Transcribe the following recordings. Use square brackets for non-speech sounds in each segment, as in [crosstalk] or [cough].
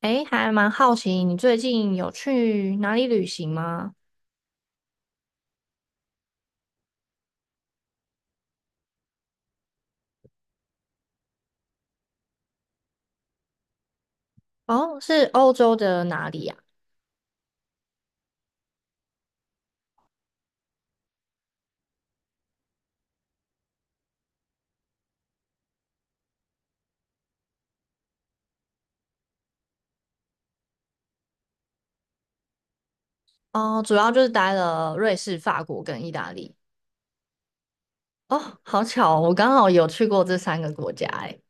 诶，还蛮好奇，你最近有去哪里旅行吗？哦，是欧洲的哪里呀？哦，主要就是待了瑞士、法国跟意大利。哦，好巧哦，我刚好有去过这三个国家。诶，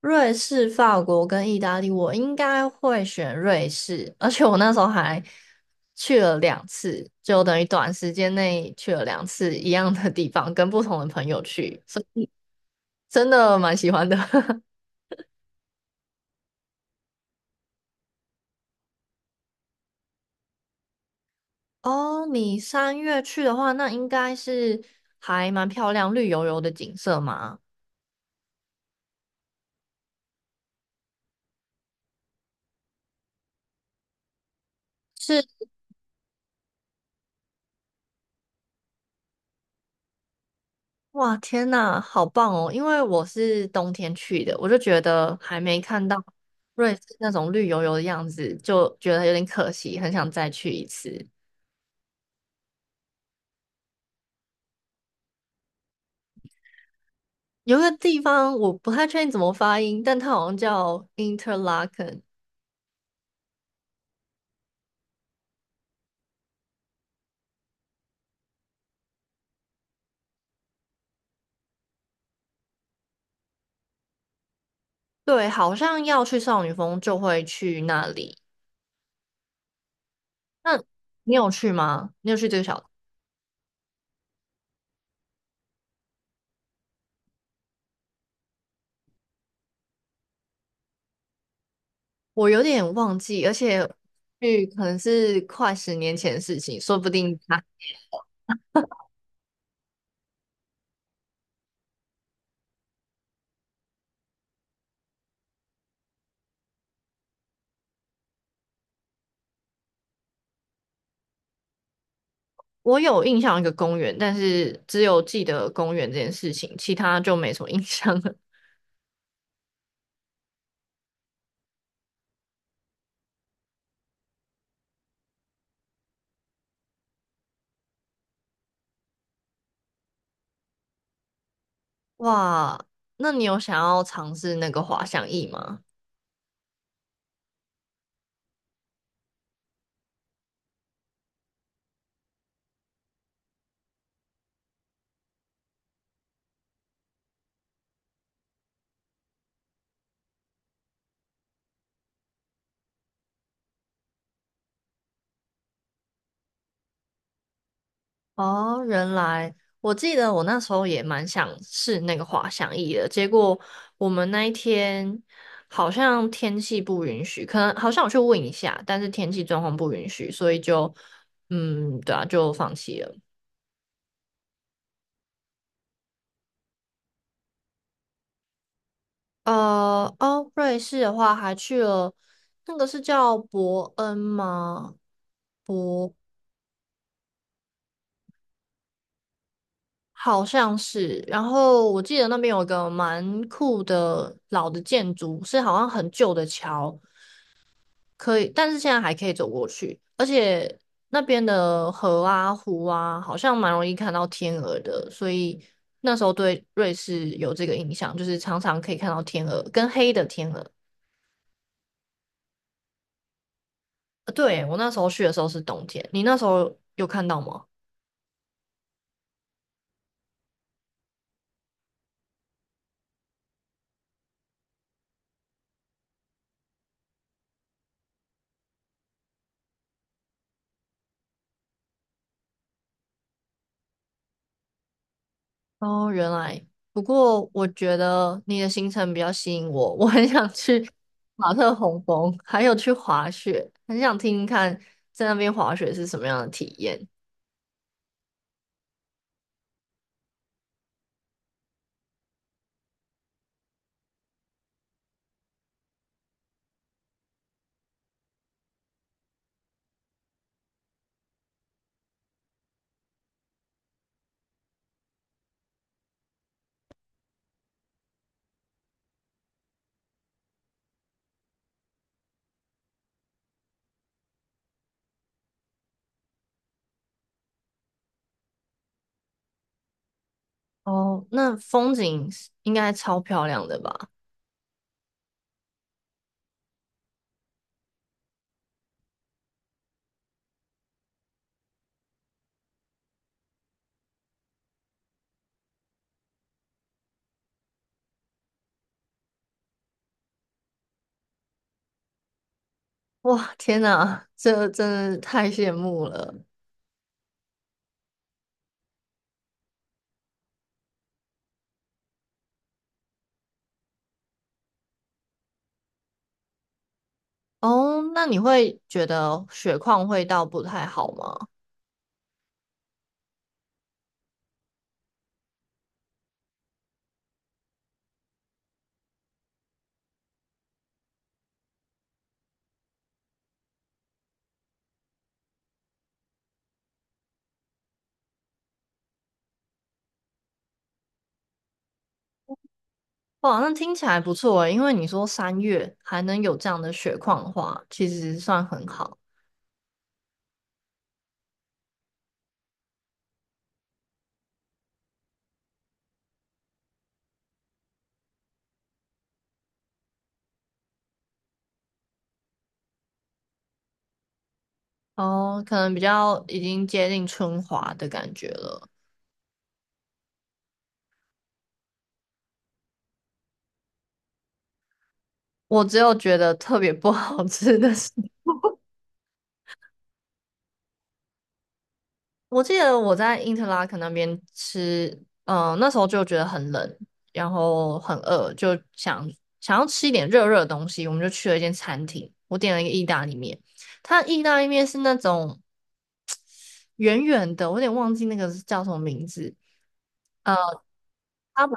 瑞士、法国跟意大利，我应该会选瑞士，而且我那时候还去了两次，就等于短时间内去了两次一样的地方，跟不同的朋友去，所以真的蛮喜欢的。[laughs] 哦，你3月去的话，那应该是还蛮漂亮、绿油油的景色嘛。是，哇，天呐，好棒哦！因为我是冬天去的，我就觉得还没看到瑞士那种绿油油的样子，就觉得有点可惜，很想再去一次。有一个地方我不太确定怎么发音，但它好像叫 Interlaken，对，好像要去少女峰就会去那里。那你有去吗？你有去这个小？我有点忘记，而且去可能是快10年前的事情，说不定他我有印象一个公园，但是只有记得公园这件事情，其他就没什么印象了。[laughs] 哇，那你有想要尝试那个滑翔翼吗？哦，原来我记得我那时候也蛮想试那个滑翔翼的，结果我们那一天好像天气不允许，可能好像我去问一下，但是天气状况不允许，所以就嗯，对啊，就放弃了。呃，哦，瑞士的话还去了那个是叫伯恩吗？伯好像是，然后我记得那边有一个蛮酷的老的建筑，是好像很旧的桥。可以，但是现在还可以走过去，而且那边的河啊、湖啊，好像蛮容易看到天鹅的，所以那时候对瑞士有这个印象，就是常常可以看到天鹅跟黑的天鹅。呃对，我那时候去的时候是冬天，你那时候有看到吗？哦，原来，不过我觉得你的行程比较吸引我，我很想去 [laughs] 马特洪峰，还有去滑雪，很想听听看在那边滑雪是什么样的体验。哦，那风景是应该超漂亮的吧？哇，天哪，这真的太羡慕了。哦，那你会觉得雪况会到不太好吗？哇，那听起来不错诶，因为你说三月还能有这样的雪况的话，其实算很好。哦，可能比较已经接近春华的感觉了。我只有觉得特别不好吃的是。我记得我在因特拉肯那边吃，嗯、那时候就觉得很冷，然后很饿，就想想要吃一点热热的东西，我们就去了一间餐厅，我点了一个意大利面，它的意大利面是那种圆圆的，我有点忘记那个是叫什么名字，呃，它不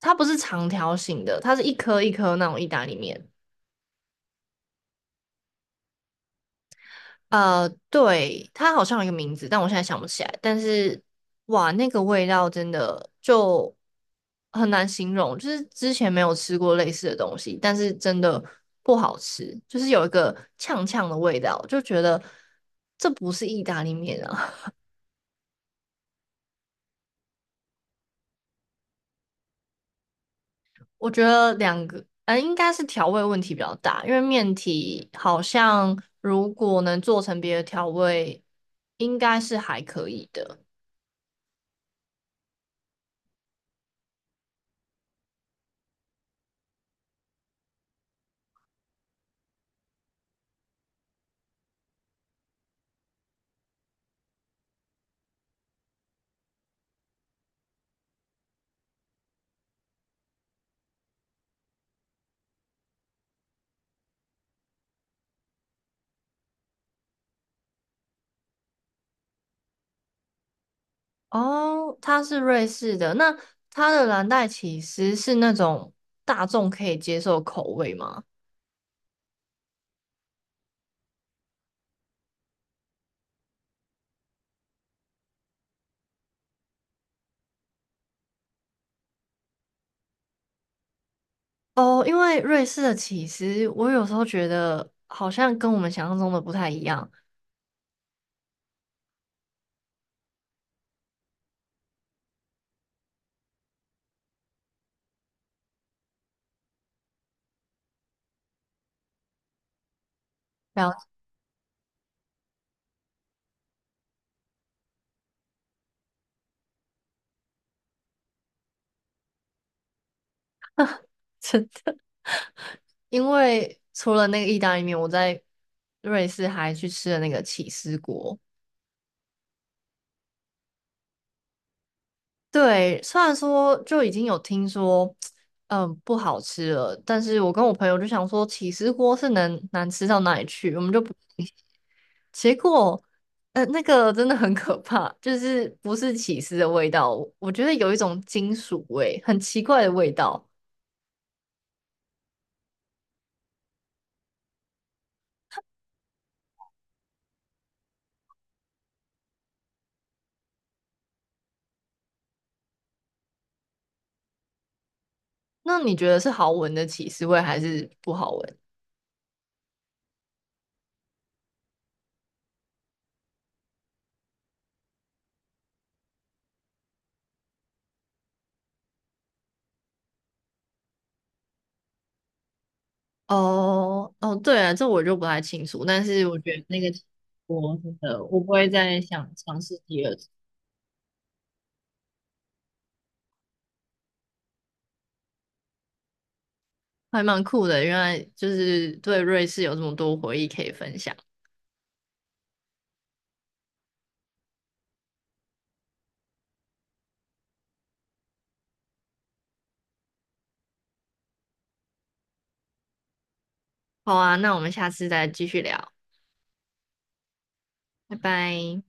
它不是长条形的，它是一颗一颗那种意大利面，呃，对，它好像有一个名字，但我现在想不起来。但是，哇，那个味道真的就很难形容，就是之前没有吃过类似的东西，但是真的不好吃，就是有一个呛呛的味道，就觉得这不是意大利面啊。[laughs] 我觉得两个，呃，应该是调味问题比较大，因为面体好像如果能做成别的调味，应该是还可以的。哦，它是瑞士的，那它的蓝带起司是那种大众可以接受的口味吗？哦，因为瑞士的起司，我有时候觉得好像跟我们想象中的不太一样。然后，[laughs] 真的因为除了那个意大利面，我在瑞士还去吃了那个起司锅。对，虽然说就已经有听说，嗯，不好吃了，但是我跟我朋友就想说，起司锅是能难吃到哪里去，我们就不信，[laughs] 结果，那个真的很可怕，就是不是起司的味道，我觉得有一种金属味，很奇怪的味道。那你觉得是好闻的起司味还是不好闻？哦哦，对啊，这我就不太清楚，但是我觉得那个我真的我不会再想尝试第二次。还蛮酷的，原来就是对瑞士有这么多回忆可以分享。好啊，那我们下次再继续聊，拜拜。